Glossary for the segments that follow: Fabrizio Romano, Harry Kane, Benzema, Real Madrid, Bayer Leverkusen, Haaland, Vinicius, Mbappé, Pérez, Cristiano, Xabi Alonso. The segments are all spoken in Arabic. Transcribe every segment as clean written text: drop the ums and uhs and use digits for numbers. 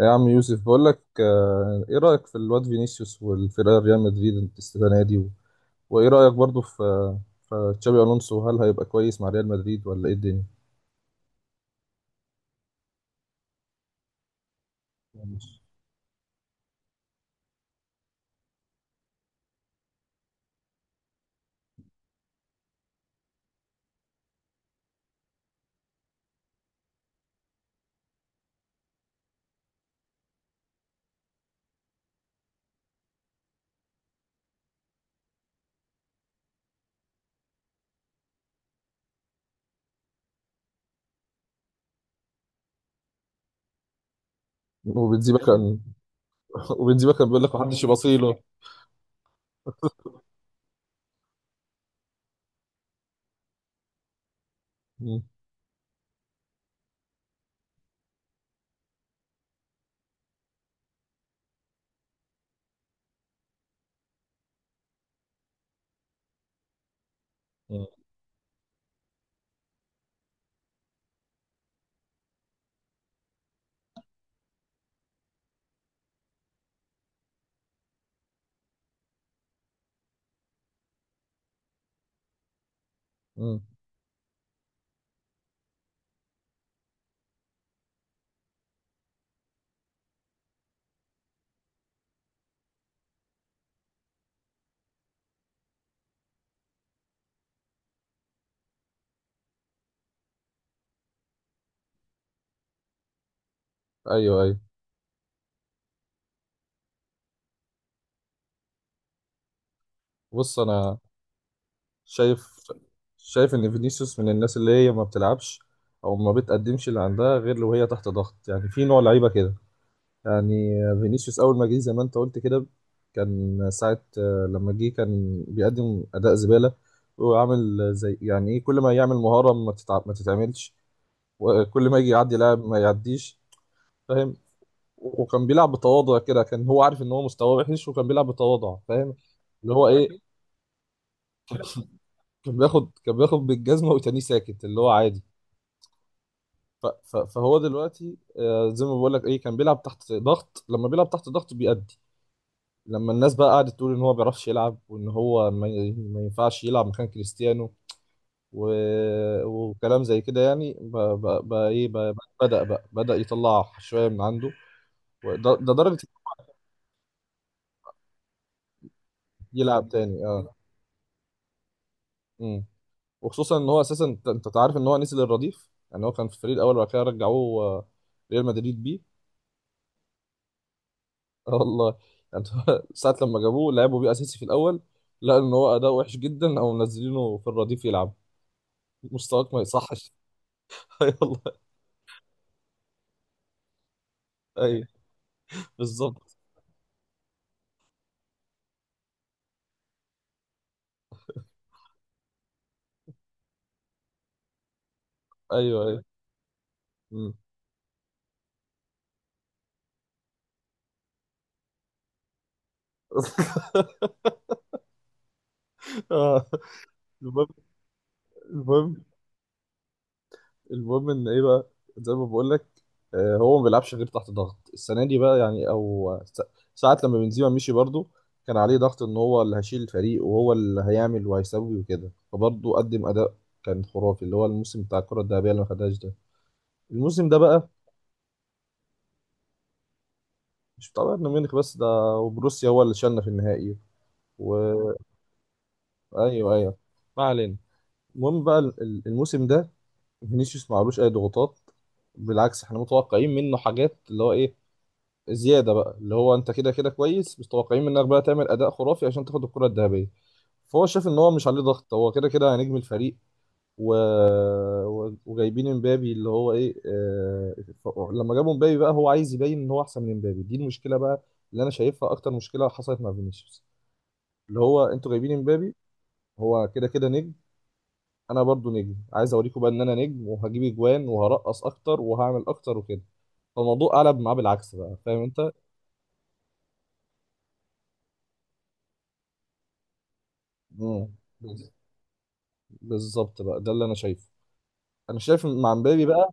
يا عم يوسف بقول لك ايه رأيك في الواد فينيسيوس والفرقة ريال مدريد السنة دي وايه رأيك برضو في تشابي الونسو؟ هل هيبقى كويس مع ريال مدريد ولا ايه الدنيا؟ وبنزيما يا اسطى كان، وبنزيما كان بيقول لك محدش يبصيله. مم. مم. مم. ايوه ايوه، بص انا شايف شايف ان فينيسيوس من الناس اللي هي ما بتلعبش او ما بتقدمش اللي عندها غير لو هي تحت ضغط، يعني في نوع لعيبة كده، يعني. فينيسيوس اول ما جه زي ما انت قلت كده، كان ساعة لما جه كان بيقدم اداء زبالة، وعامل زي يعني ايه، كل ما يعمل مهارة ما تتعملش، وكل ما يجي يعدي لاعب ما يعديش. فاهم؟ وكان بيلعب بتواضع كده، كان هو عارف ان هو مستواه وحش، وكان بيلعب بتواضع. فاهم؟ اللي هو ايه، كان بياخد بالجزمة وتاني ساكت، اللي هو عادي. فهو دلوقتي زي ما بقول لك ايه، كان بيلعب تحت ضغط، لما بيلعب تحت ضغط بيأدي. لما الناس بقى قعدت تقول ان هو ما بيعرفش يلعب، وان هو ما ينفعش يلعب مكان كريستيانو، و... وكلام زي كده، يعني ب... ب... ب... ايه ب... ب- بدأ بقى، بدأ يطلع شوية من عنده. وده درجة يلعب تاني، اه. امم وخصوصا ان هو اساسا انت تعرف ان هو نزل الرديف، يعني هو كان في الفريق الاول وبعد كده رجعوه ريال مدريد بيه. اه والله. يعني هو ساعة لما جابوه لعبوا بيه اساسي في الاول، لقوا ان هو اداء وحش جدا، او منزلينه في الرديف يلعب. مستواك ما يصحش. يلا، ايوه، بالظبط. ايوه ايوه. مم. آه، المهم المهم المهم ان ايه بقى؟ زي ما بقول لك، هو ما بيلعبش غير تحت ضغط السنه دي بقى، يعني، او ساعات لما بنزيما مشي برضه، كان عليه ضغط ان هو اللي هيشيل الفريق، وهو اللي هيعمل وهيسوي وكده، فبرضه قدم اداء كان خرافي، اللي هو الموسم بتاع الكره الذهبيه اللي ما خدهاش ده، الموسم ده بقى. مش بتاع بايرن ميونخ بس ده، وبروسيا هو اللي شالنا في النهائي. و... ايوه ايوه، ما علينا. المهم بقى الموسم ده فينيسيوس معلوش اي ضغوطات. بالعكس، احنا متوقعين منه حاجات، اللي هو ايه، زياده بقى، اللي هو انت كده كده كويس، بس متوقعين منك بقى تعمل اداء خرافي عشان تاخد الكره الذهبيه. فهو شاف ان هو مش عليه ضغط، هو كده كده نجم الفريق. و... وجايبين امبابي، اللي هو ايه، لما جابوا امبابي بقى، هو عايز يبين ان هو احسن من امبابي. دي المشكله بقى اللي انا شايفها، اكتر مشكله حصلت مع فينيسيوس. اللي هو، انتوا جايبين امبابي، هو كده كده نجم، انا برضو نجم، عايز اوريكم بقى ان انا نجم، وهجيب اجوان وهرقص اكتر وهعمل اكتر وكده. فالموضوع قلب معاه بالعكس بقى. فاهم انت؟ مم. بز- بالظبط بقى، ده اللي انا شايفه. انا شايف مع مبابي بقى،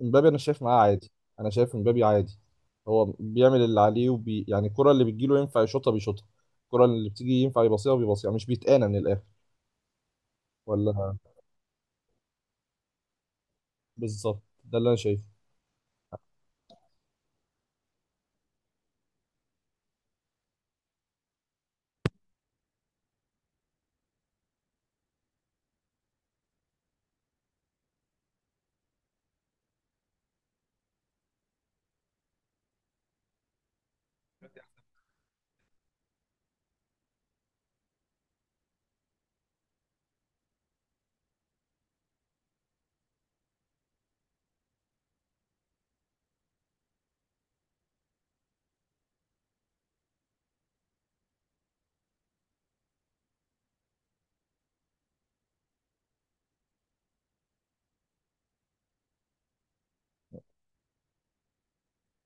مبابي انا شايف معاه عادي، انا شايف مبابي عادي. هو بيعمل اللي عليه يعني، الكرة اللي بتجيله ينفع يشوطها بيشوطها، الكرة اللي بتيجي ينفع يباصيها بيباصيها، مش بيتقانى من الاخر، ولا؟ بالظبط، ده اللي انا شايفه.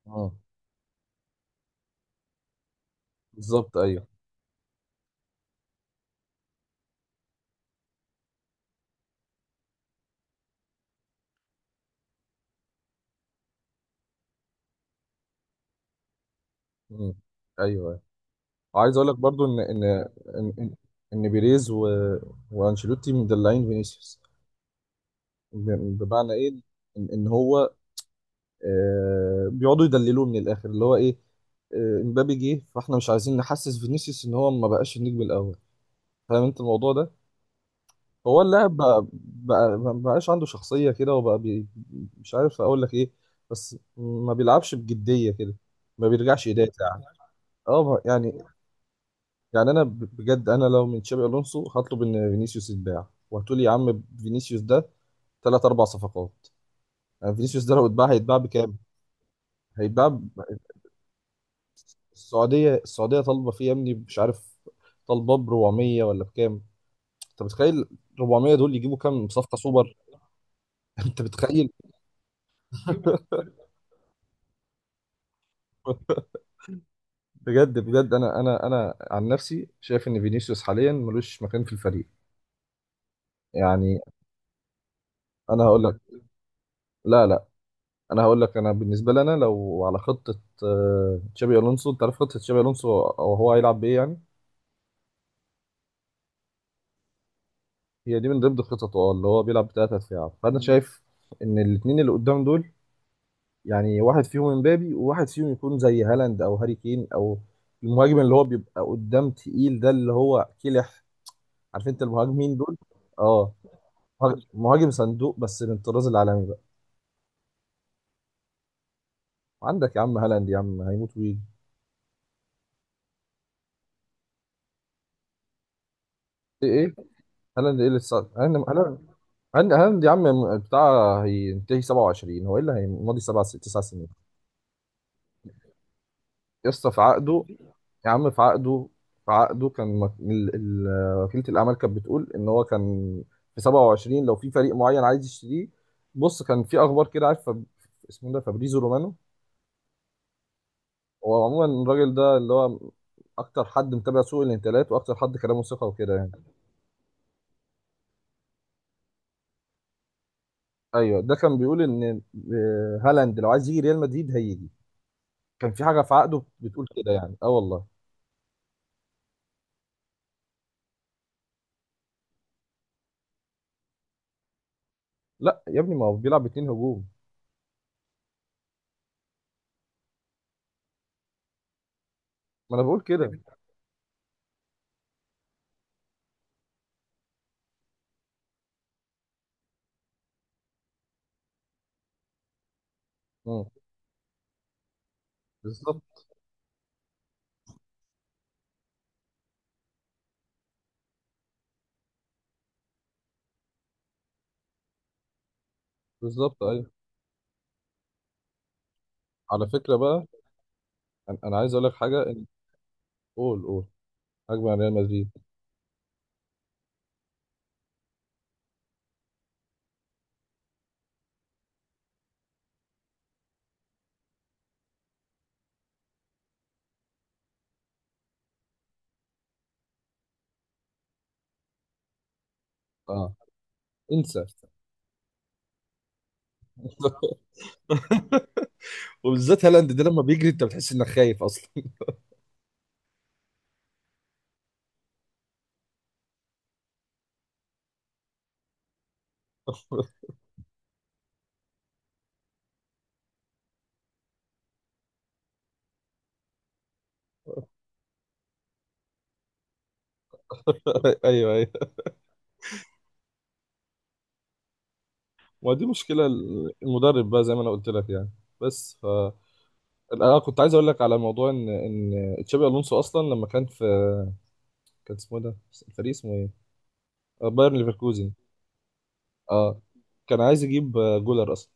مم. بالظبط، ايوه. مم. ايوه. وعايز اقول لك برضو ان ان ان ان إن بيريز وانشيلوتي مدلعين فينيسيوس. بمعنى ايه؟ إن هو بيقعدوا يدللوه من الاخر، اللي هو ايه، امبابي جه، فاحنا مش عايزين نحسس فينيسيوس ان هو ما بقاش النجم الاول. فاهم انت الموضوع ده؟ هو اللاعب بقى ما بقاش عنده شخصية كده، وبقى مش عارف اقول لك ايه، بس ما بيلعبش بجدية كده، ما بيرجعش يدافع، اه يعني. يعني انا بجد، انا لو من تشابي الونسو هطلب ان فينيسيوس يتباع، وهتقولي يا عم فينيسيوس ده ثلاث اربع صفقات. يعني فينيسيوس ده لو اتباع هيتباع بكام؟ هيتباع ب- السعوديه طالبه فيه يا ابني، مش عارف، طالبه ب 400 ولا بكام؟ انت متخيل؟ 400 دول يجيبوا كام صفقه سوبر؟ انت متخيل؟ بجد، انا عن نفسي شايف ان فينيسيوس حاليا ملوش مكان في الفريق، يعني. انا هقول لك. لا، لا، انا هقول لك. انا بالنسبه لنا، لو على خطه تشابي الونسو، انت عارف خطه تشابي الونسو، او هو هيلعب بايه يعني؟ هي دي من ضمن خططه، اه، اللي هو بيلعب بثلاثه دفاع، فانا شايف ان الاثنين اللي قدام دول، يعني واحد فيهم امبابي، وواحد فيهم يكون زي هالاند او هاري كين، او المهاجم اللي هو بيبقى قدام تقيل ده، اللي هو كلح، عارف انت المهاجمين دول؟ اه. مهاجم صندوق، بس من الطراز العالمي بقى. عندك يا عم هالاند، يا عم هيموت ويجي. ايه ايه، هالاند ايه اللي صار؟ هالاند هند هند يا عم، بتاع هينتهي 27، هو ايه اللي هيمضي 7 6 9 سنين؟ يا اسطى في عقده، يا عم في عقده، في عقده كان وكيلة الأعمال كانت بتقول إن هو كان في 27 لو في فريق معين عايز يشتريه. بص، كان في أخبار كده، عارف، اسمه ده فابريزو رومانو. هو عموما الراجل ده اللي هو أكتر حد متابع سوق الانتقالات، وأكتر حد كلامه ثقة وكده، يعني. أيوه، ده كان بيقول إن هالاند لو عايز يجي ريال مدريد هيجي، كان في حاجة في عقده بتقول كده، يعني أه والله. لا يا ابني، ما هو بيلعب باتنين هجوم. ما انا بقول كده. مم. بالظبط بالظبط، ايوه. على فكره بقى، انا عايز اقول لك حاجه، ان... قول قول. هجمه على ريال مدريد، اه، انسى. وبالذات هالاند ده لما بيجري انت بتحس انك خايف اصلا. ايوه ايوه. ما دي مشكله المدرب بقى، زي ما انا قلت لك يعني. بس انا كنت عايز اقول لك على موضوع ان تشابي الونسو اصلا لما كان في، كان اسمه إيه ده، الفريق اسمه ايه؟ بايرن ليفركوزن. اه. كان عايز يجيب جولر اصلا.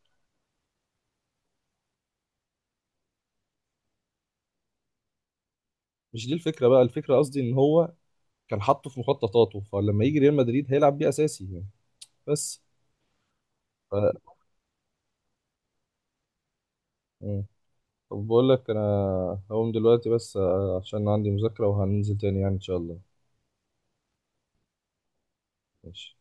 مش دي الفكره بقى، الفكره قصدي ان هو كان حاطه في مخططاته، فلما يجي ريال مدريد هيلعب بيه اساسي يعني. بس ف... مم. طب بقول لك انا، هقوم دلوقتي بس عشان عندي مذاكره، وهننزل تاني يعني ان شاء الله. ماشي.